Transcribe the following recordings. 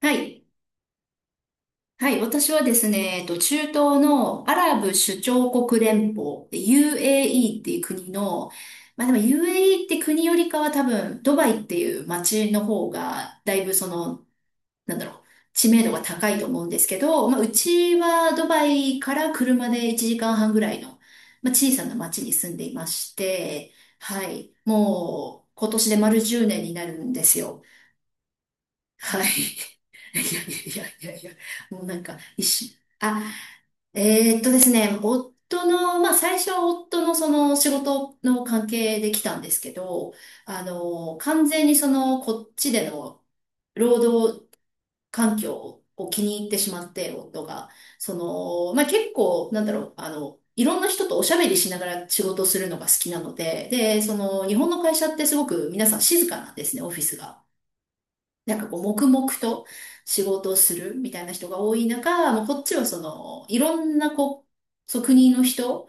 はい。はい。私はですね、中東のアラブ首長国連邦、UAE っていう国の、まあでも UAE って国よりかは多分、ドバイっていう街の方が、だいぶなんだろう、知名度が高いと思うんですけど、まあうちはドバイから車で1時間半ぐらいの、まあ小さな街に住んでいまして、はい。もう、今年で丸10年になるんですよ。はい。いやいやいやいやいや、もうなんか一瞬、あ、ですね、夫の、まあ最初は夫のその仕事の関係で来たんですけど、完全にそのこっちでの労働環境を気に入ってしまって、夫が。その、まあ結構、なんだろう、あの、いろんな人とおしゃべりしながら仕事をするのが好きなので、で、その日本の会社ってすごく皆さん静かなんですね、オフィスが。なんかこう、黙々と仕事をするみたいな人が多い中、もうこっちはその、いろんな国の人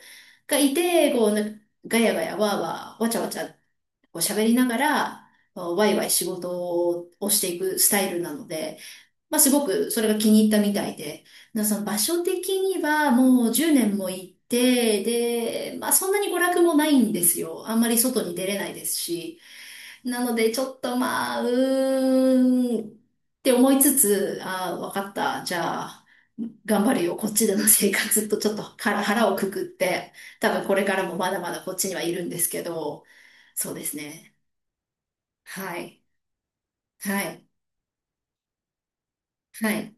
がいて、こう、なんかガヤガヤワーワー、わちゃわちゃ、こう喋りながら、ワイワイ仕事をしていくスタイルなので、まあ、すごくそれが気に入ったみたいで、なその場所的にはもう10年も行って、で、まあ、そんなに娯楽もないんですよ。あんまり外に出れないですし。なので、ちょっとまあ、うーんって思いつつ、ああ、わかった。じゃあ、頑張るよ。こっちでの生活とちょっと腹をくくって、多分これからもまだまだこっちにはいるんですけど、そうですね。はい。はい。はい。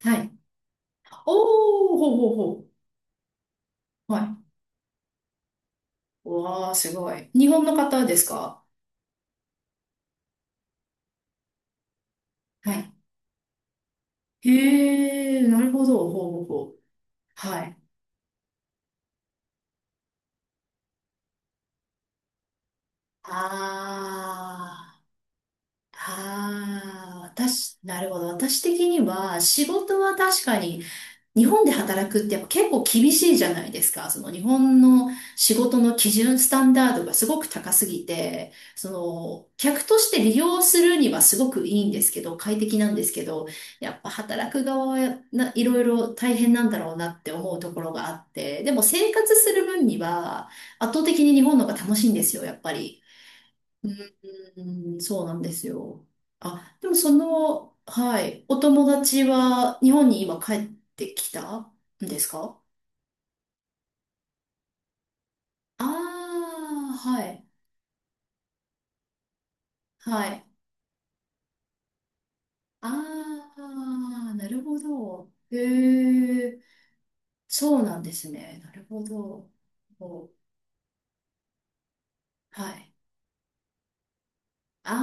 はい。おー、ほうほうほう。はい。わあ、すごい。日本の方ですか？はい。へえ、なるほど。ほうほうほう。はい。ああ、ああ、私、なるほど。私的には、仕事は確かに日本で働くってやっぱ結構厳しいじゃないですか。その日本の仕事の基準、スタンダードがすごく高すぎて、その客として利用するにはすごくいいんですけど、快適なんですけど、やっぱ働く側はやないろいろ大変なんだろうなって思うところがあって、でも生活する分には圧倒的に日本の方が楽しいんですよ、やっぱり。うん、そうなんですよ。あ、でもその、はい、お友達は日本に今帰ってきたんですか？ああー、はい、はい。ああ、なるほど。へえ、そうなんですね。なるほど。お、はい。あ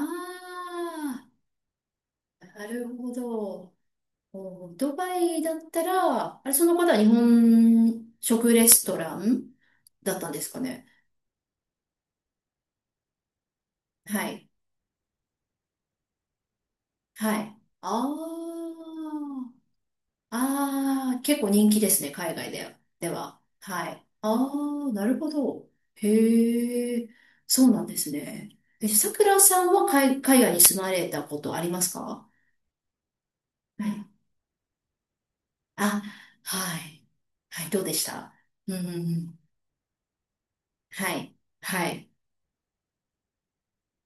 あ、なるほど。お、ドバイだったら、あれ、その方は日本食レストランだったんですかね。はい。はい。ああ、ああ、結構人気ですね、海外では。では。はい。ああ、なるほど。へえ、そうなんですね。え、さくらさんは海、海外に住まれたことありますか？はい。あ、はい。はい、どうでした？うんうんうん。はい。はい。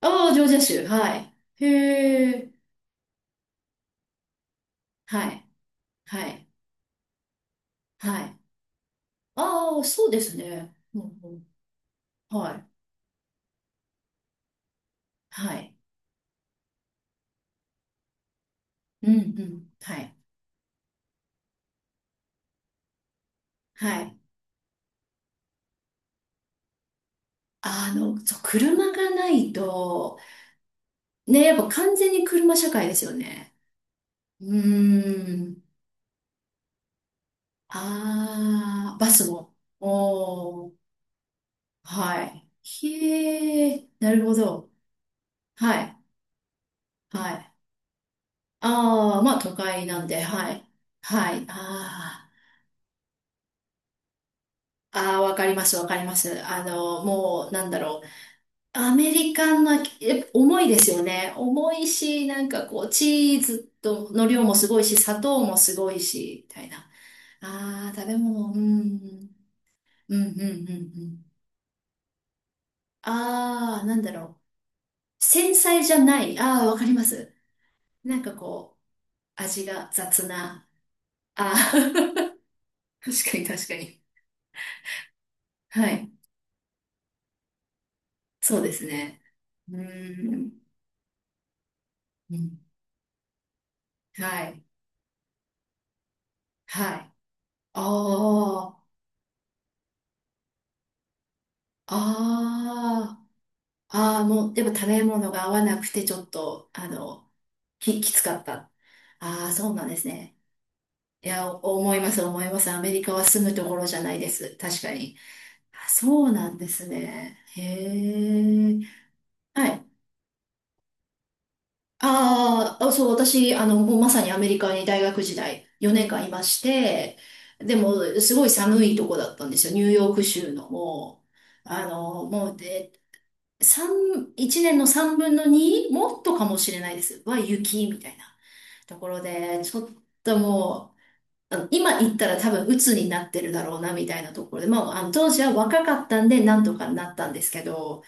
ああ、ジョージア州。はい。へえ、はい。はい。はい。ああ、そうですね。うんうん、はい。はい。うんうん。はい。はい。そう、車がないと、ね、やっぱ完全に車社会ですよね。うーん。ああ、バスも。おー、はい。へえ、なるほど。はい、はい。ああ、まあ都会なんで、はい。はい。ああ、わかります。あの、もう、なんだろう。アメリカンな、え、重いですよね。重いし、なんかこう、チーズとの量もすごいし、砂糖もすごいし、みたいな。ああ、食べ物、うん。うん、うん、うん、うん。ああ、なんだろう。繊細じゃない。ああ、わかります。なんかこう、味が雑な。ああ、確かに確かに。はい。そうですね。うーん。うん。はい。はい。ああ、ああ。ああ、もう、やっぱ食べ物が合わなくて、ちょっと、きつかった。ああ、そうなんですね。いや、お思います、思います。アメリカは住むところじゃないです。確かに。あ、そうなんですね。へえ。はい。あーあ、そう、私、あの、もうまさにアメリカに大学時代、4年間いまして、でも、すごい寒いとこだったんですよ。ニューヨーク州の、もう、あの、もう、え三一年の三分の二、もっとかもしれないです。は雪みたいなところで、ちょっともう、あの今行ったら多分鬱になってるだろうなみたいなところで、まあ、あの当時は若かったんでなんとかなったんですけど、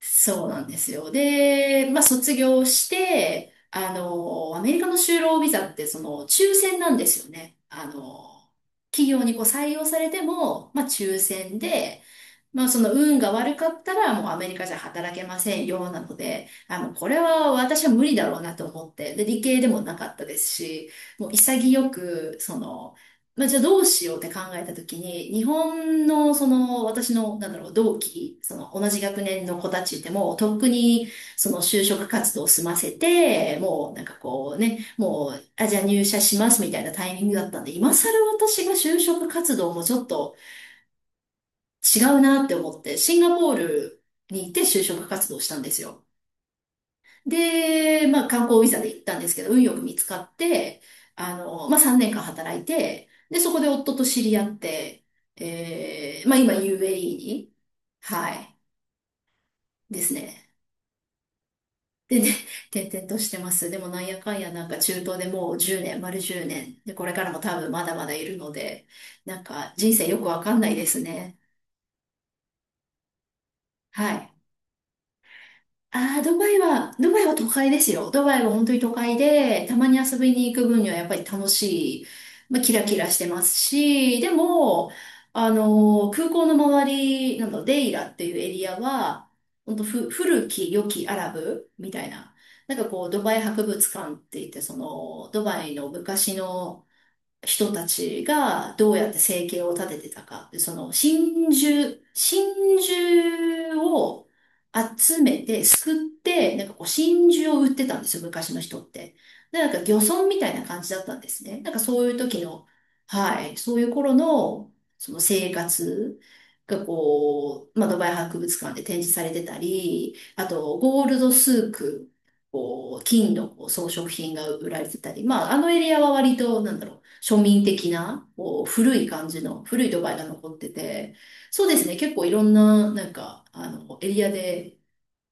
そうなんですよ。で、まあ卒業して、あの、アメリカの就労ビザってその抽選なんですよね。あの、企業にこう採用されても、まあ抽選で、まあその運が悪かったらもうアメリカじゃ働けませんよなので、あの、これは私は無理だろうなと思って、で、理系でもなかったですし、もう潔く、その、まあじゃあどうしようって考えた時に、日本のその私の、なんだろう、同期、その同じ学年の子たちってもうとっくにその就職活動を済ませて、もうなんかこうね、もう、あ、じゃあ入社しますみたいなタイミングだったんで、今更私が就職活動もちょっと、違うなって思って、シンガポールに行って就職活動したんですよ。で、まあ観光ビザで行ったんですけど、運よく見つかって、あの、まあ3年間働いて、で、そこで夫と知り合って、えー、まあ今 UAE に、はい、ですね。でね、転々としてます。でもなんやかんやなんか中東でもう10年、丸10年。で、これからも多分まだまだいるので、なんか人生よくわかんないですね。はい。ああ、ドバイは、ドバイは都会ですよ。ドバイは本当に都会で、たまに遊びに行く分にはやっぱり楽しい、まあ、キラキラしてますし、でも、あの空港の周りなの、デイラっていうエリアは、本当ふ、古き良きアラブみたいな、なんかこう、ドバイ博物館って言って、その、ドバイの昔の、人たちがどうやって生計を立ててたか。でその真珠、真珠を集めて、すくって、なんかこう真珠を売ってたんですよ、昔の人って。で、なんか漁村みたいな感じだったんですね。なんかそういう時の、はい、そういう頃の、その生活がこう、まあ、ドバイ博物館で展示されてたり、あと、ゴールドスーク、こう、金のこう装飾品が売られてたり、まあ、あのエリアは割と、なんだろう庶民的な、こう、古い感じの、古いドバイが残ってて、そうですね、結構いろんな、なんか、あの、エリアで、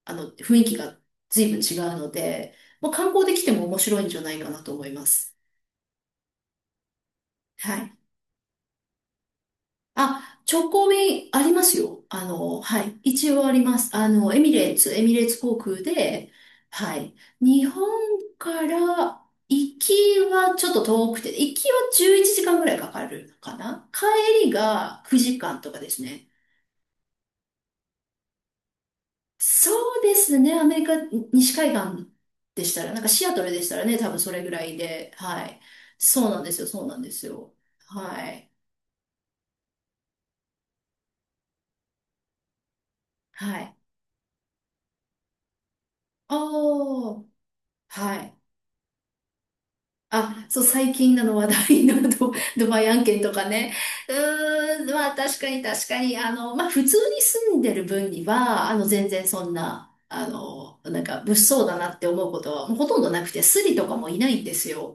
あの、雰囲気が随分違うので、まあ、観光で来ても面白いんじゃないかなと思います。はい。あ、直行便ありますよ。あの、はい。一応あります。あの、エミレーツ、エミレーツ航空で、はい。日本から行きはちょっと遠くて、行きは11時間ぐらいかかるかな。帰りが9時間とかですね。そうですね。アメリカ西海岸でしたら、シアトルでしたらね、多分それぐらいで、はい。そうなんですよ。そうなんですよ。はい。はい。ああ、はい。あ、そう、最近なの話題のドバイ案件とかね。うまあ確かに確かに、まあ普通に住んでる分には、全然そんな、物騒だなって思うことはもうほとんどなくて、スリとかもいないんですよ。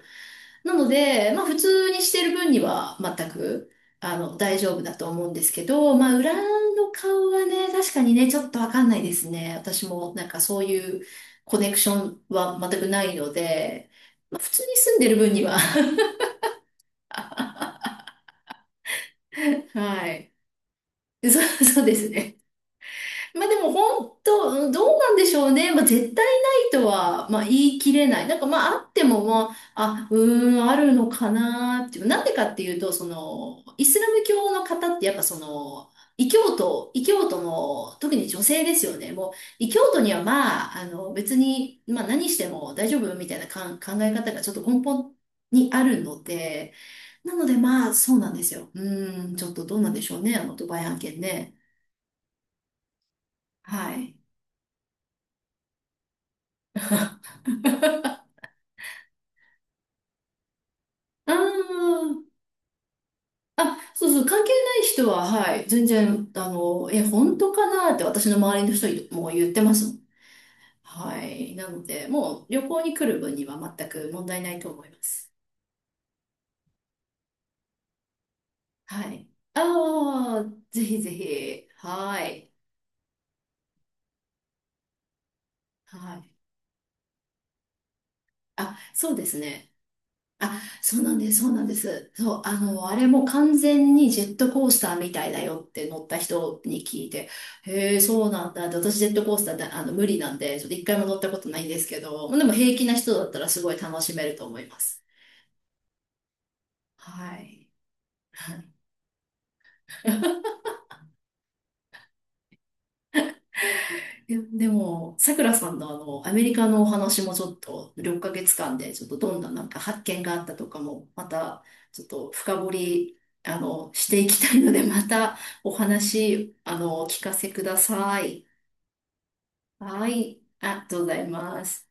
なので、まあ普通にしてる分には全く、大丈夫だと思うんですけど、まあ裏の顔はね、確かにね、ちょっとわかんないですね。私もそういうコネクションは全くないので、まあ、普通に住んでる分には はい。そうですね。まあでも本当、うんどうなんでしょうね。まあ絶対ないとは、まあ言い切れない。まああっても、あるのかなっていう。なんでかっていうと、その、イスラム教の方ってやっぱその、異教徒の、特に女性ですよね。もう、異教徒にはまあ、別に、まあ何しても大丈夫みたいな考え方がちょっと根本にあるので、なのでまあ、そうなんですよ。うーん、ちょっとどうなんでしょうね、あの、ドバイ案件ね。はい。あーそうそう、関係ない人は、はい、全然、本当かなって私の周りの人も言ってますもん。はい。なので、もう旅行に来る分には全く問題ないと思います。はい。ああ、ぜひぜひ。はい。はい。あ、そうですね。あ、そうなんです。そう、あの、あれも完全にジェットコースターみたいだよって乗った人に聞いて、へえ、そうなんだって。私ジェットコースターで、あの、無理なんで、ちょっと一回も乗ったことないんですけど、でも平気な人だったらすごい楽しめると思います。はい。でも、さくらさんのアメリカのお話もちょっと、6ヶ月間で、ちょっとどんな発見があったとかも、また、ちょっと深掘り、していきたいので、またお話、お聞かせください。はい、ありがとうございます。